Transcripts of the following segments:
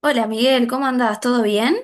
Hola Miguel, ¿cómo andás? ¿Todo bien?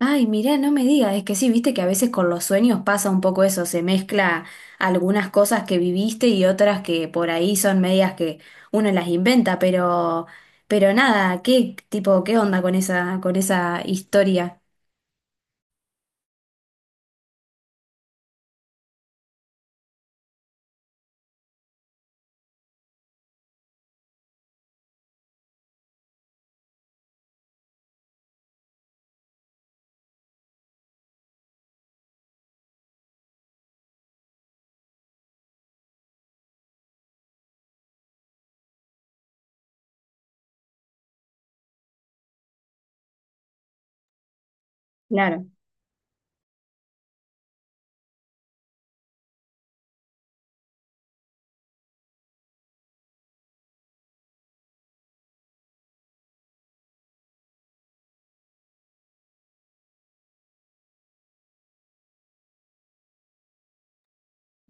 Ay, mirá, no me digas, es que sí, viste que a veces con los sueños pasa un poco eso, se mezcla algunas cosas que viviste y otras que por ahí son medias que uno las inventa, pero nada, ¿qué tipo, qué onda con esa historia? Claro,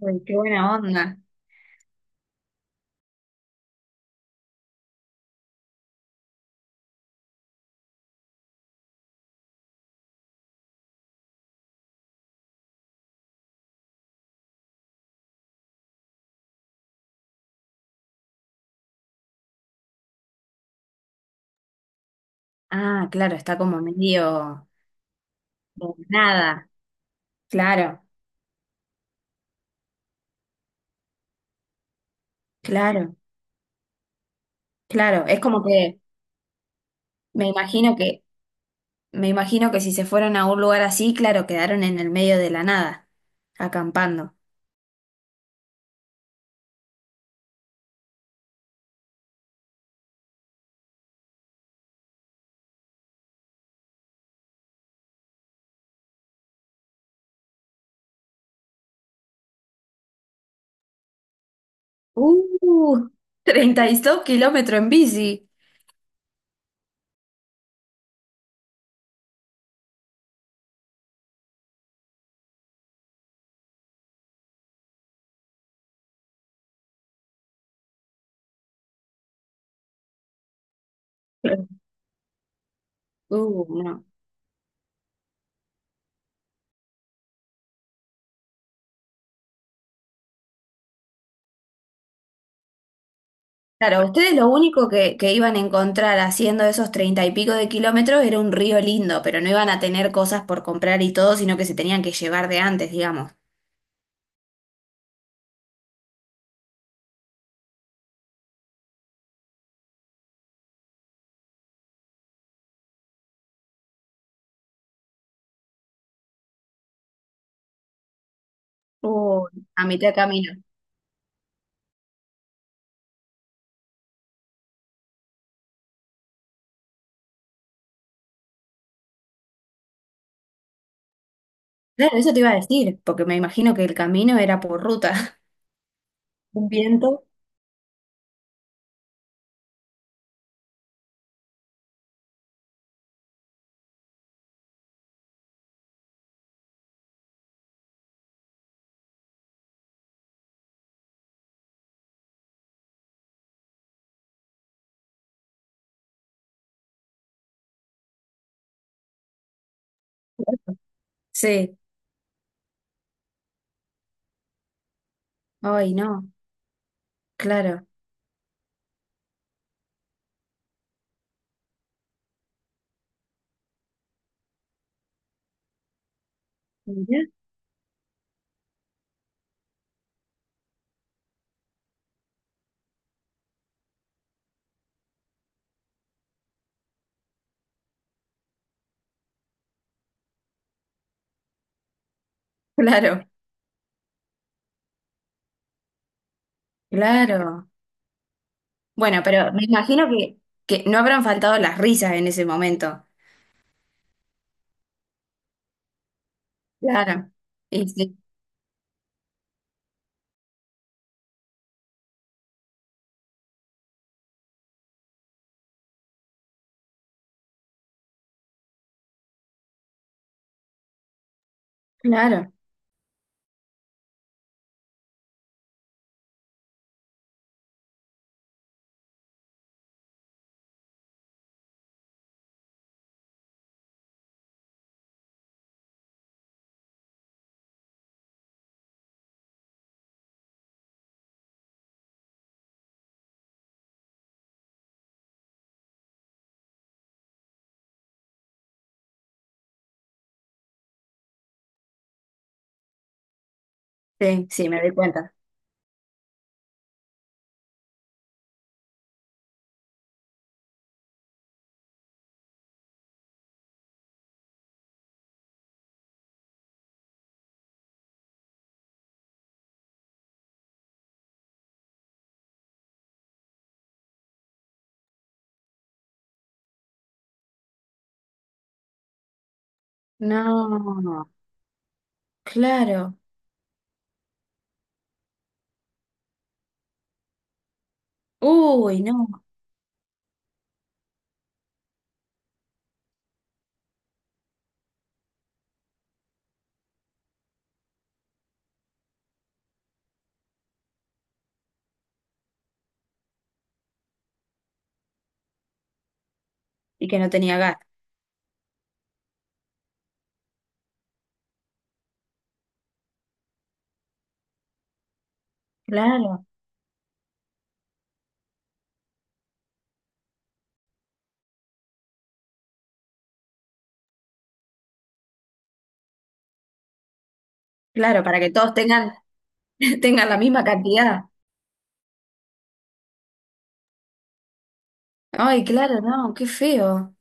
uy, qué buena onda. Ah, claro, está como medio nada. Claro, claro, claro. Es como que me imagino que Me imagino que si se fueron a un lugar así, claro, quedaron en el medio de la nada, acampando. Uh, 32 kilómetros en bici. Claro. No. Claro, ustedes lo único que iban a encontrar haciendo esos treinta y pico de kilómetros era un río lindo, pero no iban a tener cosas por comprar y todo, sino que se tenían que llevar de antes, digamos. Oh, a mitad de camino. Claro, eso te iba a decir, porque me imagino que el camino era por ruta. Un viento. Sí. Ay, no, claro. Mirá. Claro, claro. Bueno, pero me imagino que no habrán faltado las risas en ese momento. Claro. Y sí, claro. Sí, sí, me doy cuenta. No, claro. Uy, no. Y que no tenía gas. Claro, claro, para que todos tengan, tengan la misma cantidad. Ay, claro, no, qué feo.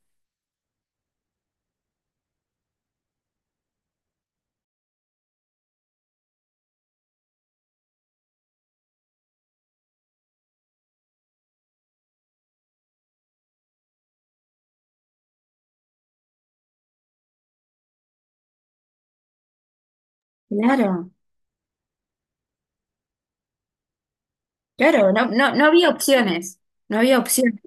Claro, claro, no, no, no había opciones. No había opciones.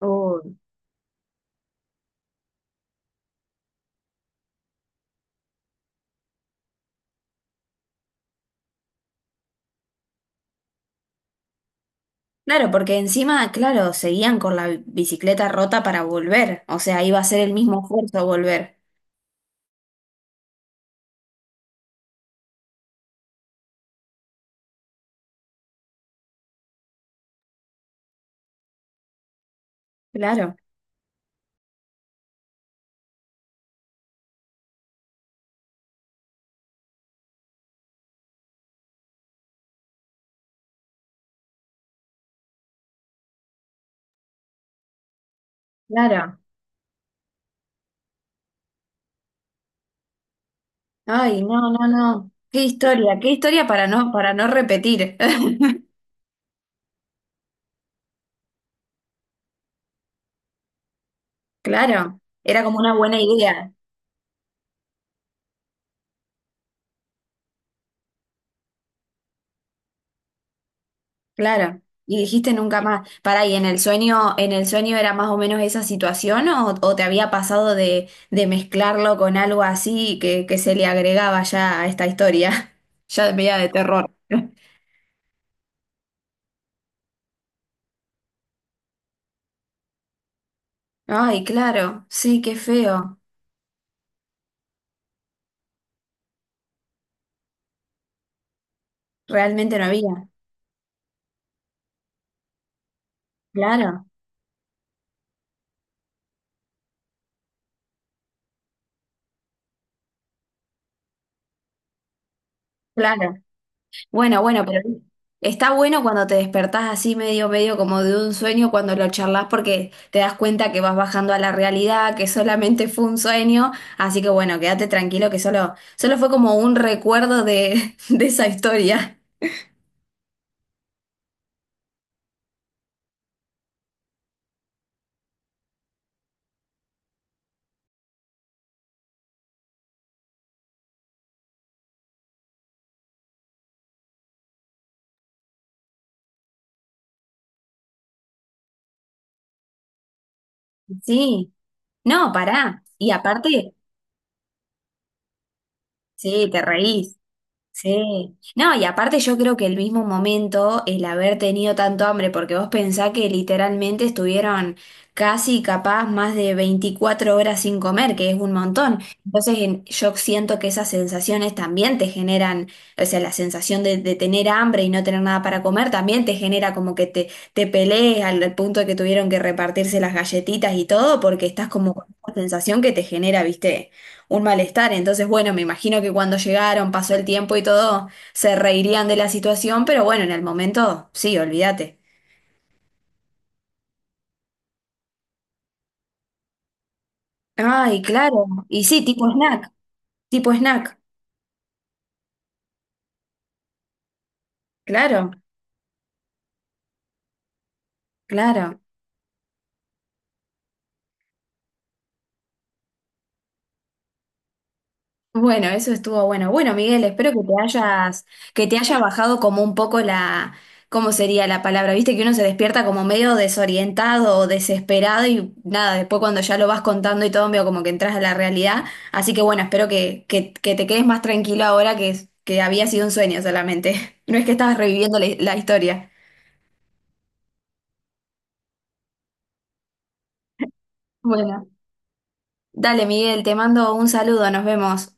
Uy. Claro, porque encima, claro, seguían con la bicicleta rota para volver. O sea, iba a ser el mismo esfuerzo volver. Claro, claro. Ay, no, no, no. Qué historia para no repetir. Claro, era como una buena idea. Claro. Y dijiste nunca más. Pará, ¿y en el sueño era más o menos esa situación o te había pasado de mezclarlo con algo así que se le agregaba ya a esta historia? Ya media de terror. Ay, claro, sí, qué feo. Realmente no había. Claro, claro. Bueno, pero está bueno cuando te despertás así medio, medio como de un sueño cuando lo charlas porque te das cuenta que vas bajando a la realidad, que solamente fue un sueño. Así que bueno, quédate tranquilo que solo, solo fue como un recuerdo de, de esa historia. Sí, no, pará. Y aparte, sí, te reís. Sí, no, y aparte yo creo que el mismo momento, el haber tenido tanto hambre, porque vos pensás que literalmente estuvieron casi capaz más de 24 horas sin comer, que es un montón. Entonces en- yo siento que esas sensaciones también te generan, o sea, la sensación de tener hambre y no tener nada para comer también te genera como que te pelees al, al punto de que tuvieron que repartirse las galletitas y todo, porque estás como con una sensación que te genera, ¿viste? Un malestar. Entonces, bueno, me imagino que cuando llegaron, pasó el tiempo y todo, se reirían de la situación, pero bueno, en el momento, sí, olvídate. Ay, claro. Y sí, tipo snack, tipo snack. Claro, claro. Bueno, eso estuvo bueno. Bueno, Miguel, espero que te hayas, que te haya bajado como un poco la, ¿cómo sería la palabra? Viste que uno se despierta como medio desorientado o desesperado y nada, después cuando ya lo vas contando y todo, medio como que entras a la realidad. Así que bueno, espero que que te quedes más tranquilo ahora que, es- que había sido un sueño solamente. No es que estabas reviviendo la historia. Bueno, dale, Miguel, te mando un saludo, nos vemos.